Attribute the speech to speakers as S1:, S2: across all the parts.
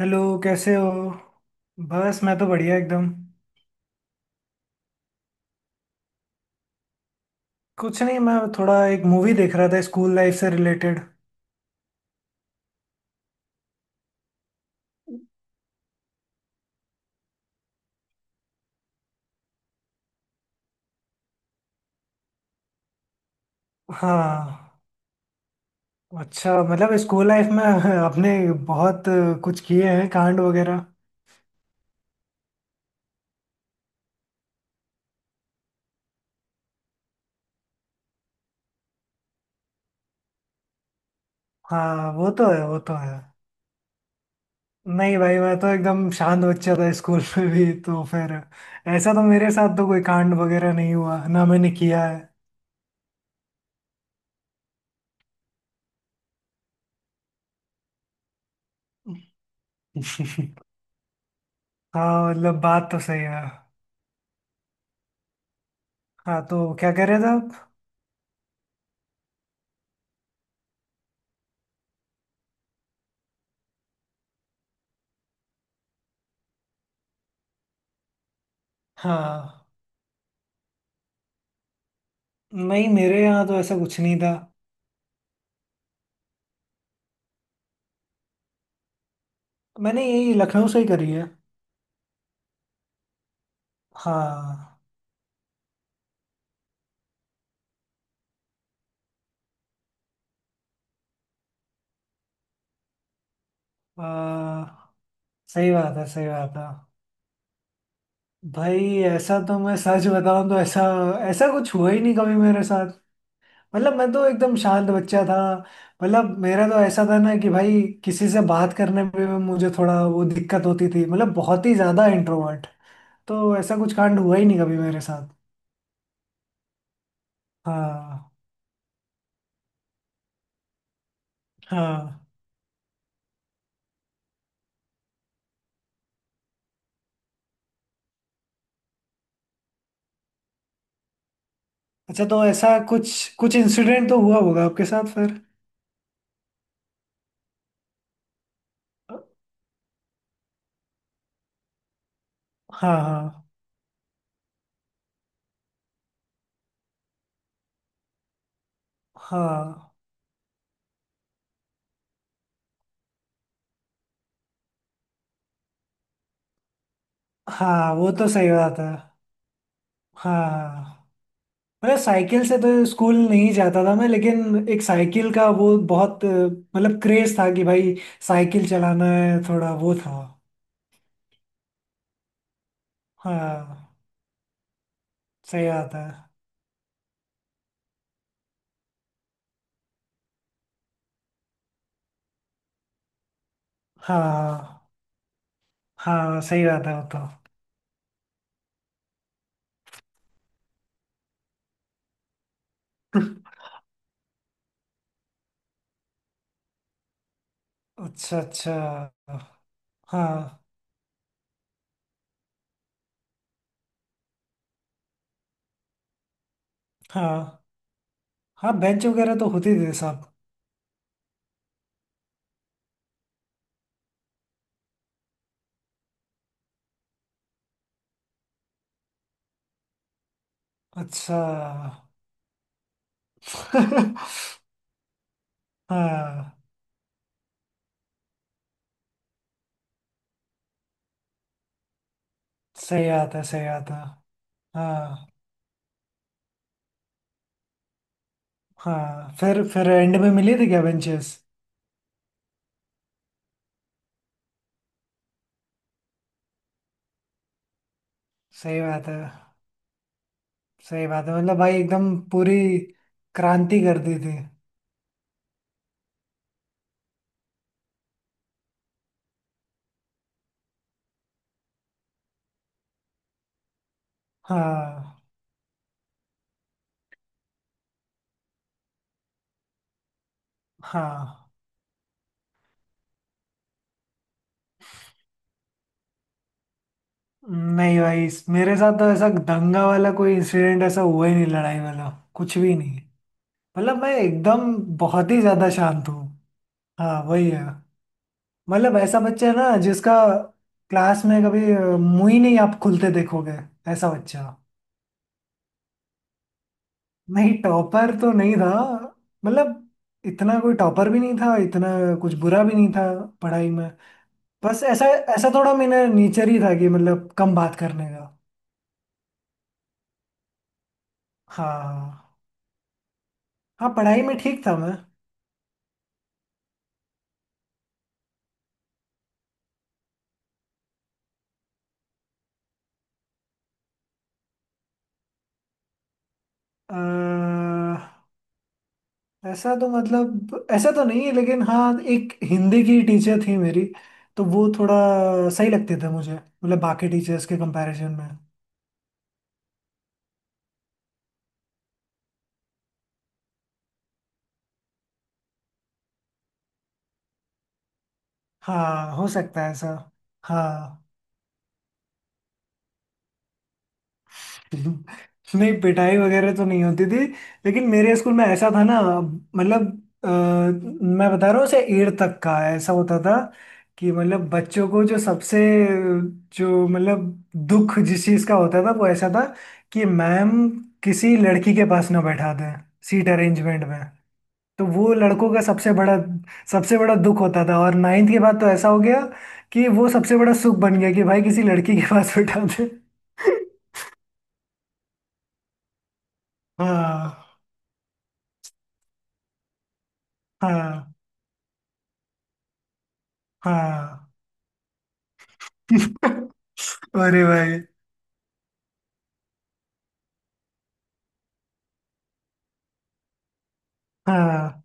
S1: Hello. कैसे हो। बस मैं तो बढ़िया एकदम। कुछ नहीं, मैं थोड़ा एक मूवी देख रहा था स्कूल लाइफ से रिलेटेड। हाँ। अच्छा मतलब स्कूल लाइफ में आपने बहुत कुछ किए हैं कांड वगैरह। हाँ वो तो है, वो तो है। नहीं भाई, मैं तो एकदम शांत बच्चा था स्कूल में भी, तो फिर ऐसा तो मेरे साथ तो कोई कांड वगैरह नहीं हुआ ना मैंने किया है। हाँ मतलब बात तो सही है। हाँ तो क्या कह रहे थे आप। हाँ। नहीं मेरे यहाँ तो ऐसा कुछ नहीं था। मैंने यही लखनऊ से ही करी है। हाँ। आ, सही बात है, सही बात है भाई। ऐसा तो, मैं सच बताऊं तो, ऐसा ऐसा कुछ हुआ ही नहीं कभी मेरे साथ। मतलब मैं तो एकदम शांत बच्चा था। मतलब मेरा तो ऐसा था ना कि भाई किसी से बात करने में भी मुझे थोड़ा वो दिक्कत होती थी, मतलब बहुत ही ज्यादा इंट्रोवर्ट। तो ऐसा कुछ कांड हुआ ही नहीं कभी मेरे साथ। हाँ। हाँ। अच्छा तो ऐसा कुछ कुछ इंसिडेंट तो हुआ होगा आपके साथ फिर। हाँ। हाँ। हाँ वो तो सही बात है। हाँ मतलब साइकिल से तो स्कूल नहीं जाता था मैं, लेकिन एक साइकिल का वो बहुत मतलब क्रेज था कि भाई साइकिल चलाना है, थोड़ा वो था। हाँ सही बात है। हाँ। हाँ सही बात है वो तो। अच्छा अच्छा। हाँ। हाँ। हाँ बेंच वगैरह तो होती थी सब। अच्छा। हाँ सही बात है, सही बात है। हाँ। हाँ फिर एंड में मिली थी क्या बेंचेस। सही बात है, सही बात है मतलब भाई एकदम पूरी क्रांति कर दी थी। हाँ। हाँ नहीं भाई मेरे साथ तो ऐसा दंगा वाला कोई इंसिडेंट ऐसा हुआ ही नहीं, लड़ाई वाला कुछ भी नहीं। मतलब मैं एकदम बहुत ही ज्यादा शांत हूँ। हाँ वही है। मतलब ऐसा बच्चा है ना जिसका क्लास में कभी मुंह ही नहीं आप खुलते देखोगे, ऐसा बच्चा। नहीं टॉपर तो नहीं था। मतलब इतना कोई टॉपर भी नहीं था इतना, कुछ बुरा भी नहीं था पढ़ाई में। बस ऐसा, ऐसा थोड़ा मेरा नेचर ही था कि मतलब कम बात करने का। हाँ। हाँ पढ़ाई में ठीक था मैं। अह, ऐसा तो मतलब ऐसा तो नहीं है, लेकिन हाँ एक हिंदी की टीचर थी मेरी, तो वो थोड़ा सही लगते थे मुझे मतलब बाकी टीचर्स के कंपैरिजन में। हाँ हो सकता है ऐसा। हाँ। नहीं पिटाई वगैरह तो नहीं होती थी, लेकिन मेरे स्कूल में ऐसा था ना, मतलब मैं बता रहा हूँ से एट तक का ऐसा होता था कि मतलब बच्चों को जो सबसे, जो मतलब दुख जिस चीज़ का होता था वो ऐसा था कि मैम किसी लड़की के पास ना बैठा दें सीट अरेंजमेंट में। तो वो लड़कों का सबसे बड़ा दुख होता था, और नाइन्थ के बाद तो ऐसा हो गया कि वो सबसे बड़ा सुख बन गया कि भाई किसी लड़की के पास बैठा दे। हाँ। हाँ। हाँ। अरे भाई। हाँ।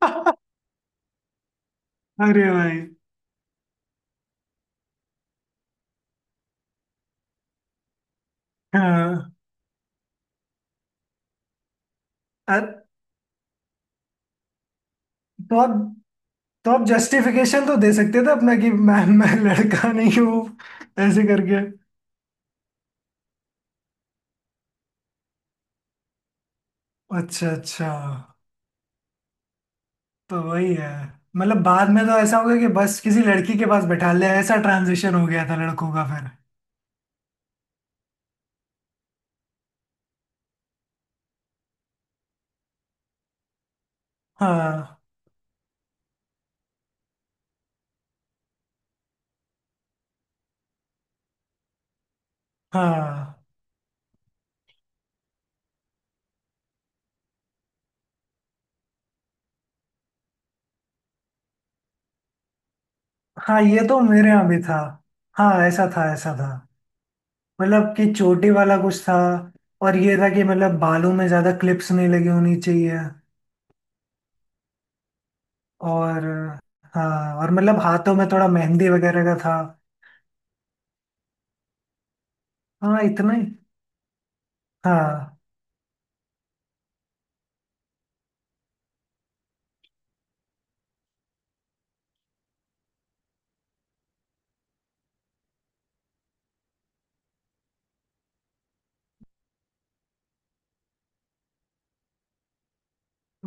S1: अरे भाई। हाँ। अरे तो आप तो आप जस्टिफिकेशन तो दे सकते थे अपना कि मैं लड़का नहीं हूँ, ऐसे करके। अच्छा अच्छा। तो वही है, मतलब बाद में तो ऐसा हो गया कि बस किसी लड़की के पास बैठा ले, ऐसा ट्रांजिशन हो गया था लड़कों का फिर। हाँ। हाँ। हाँ ये तो मेरे यहाँ भी था। हाँ ऐसा था, ऐसा था। मतलब कि चोटी वाला कुछ था, और ये था कि मतलब बालों में ज्यादा क्लिप्स नहीं लगी होनी चाहिए। और हाँ, और मतलब हाथों में थोड़ा मेहंदी वगैरह का था। हाँ इतना ही। हाँ।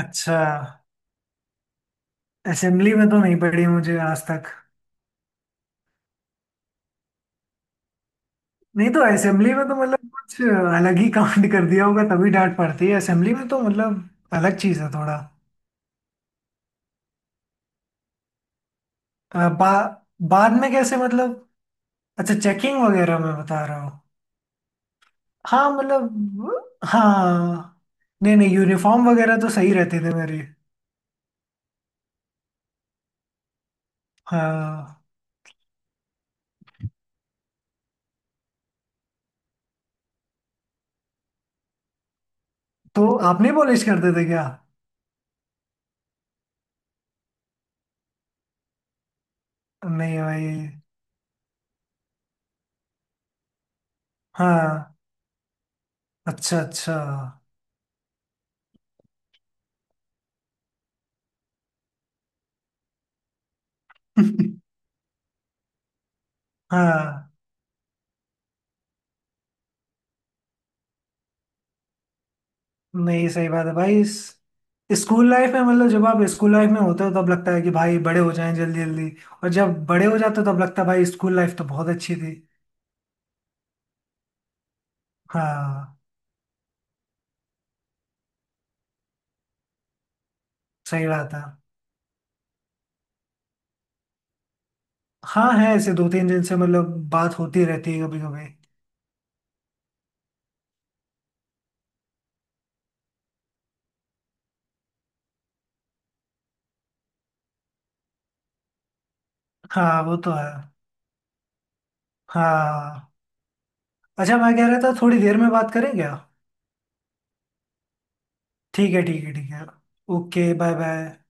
S1: अच्छा। असेंबली में तो नहीं पड़ी मुझे आज तक। नहीं तो असेंबली में तो मतलब कुछ अलग ही कांड कर दिया होगा तभी डांट पड़ती है असेंबली में, तो मतलब अलग चीज है थोड़ा। अ, बा, बाद में कैसे मतलब। अच्छा चेकिंग वगैरह में, बता रहा हूँ। हाँ मतलब हाँ, नहीं नहीं यूनिफॉर्म वगैरह तो सही रहते थे मेरे। हाँ। तो आप नहीं पॉलिश करते थे क्या। नहीं भाई। हाँ अच्छा अच्छा। हाँ नहीं सही बात है भाई। स्कूल लाइफ में मतलब जब आप स्कूल लाइफ में होते हो तब लगता है कि भाई बड़े हो जाएं जल्दी जल्दी, और जब बड़े हो जाते हो तब लगता है भाई स्कूल लाइफ तो बहुत अच्छी थी। हाँ सही बात है। हाँ है, ऐसे दो तीन दिन से मतलब बात होती रहती है कभी कभी। हाँ वो तो है। हाँ अच्छा, मैं कह रहा था थोड़ी देर में बात करें क्या। ठीक है, ठीक है, ठीक है। Okay bye bye.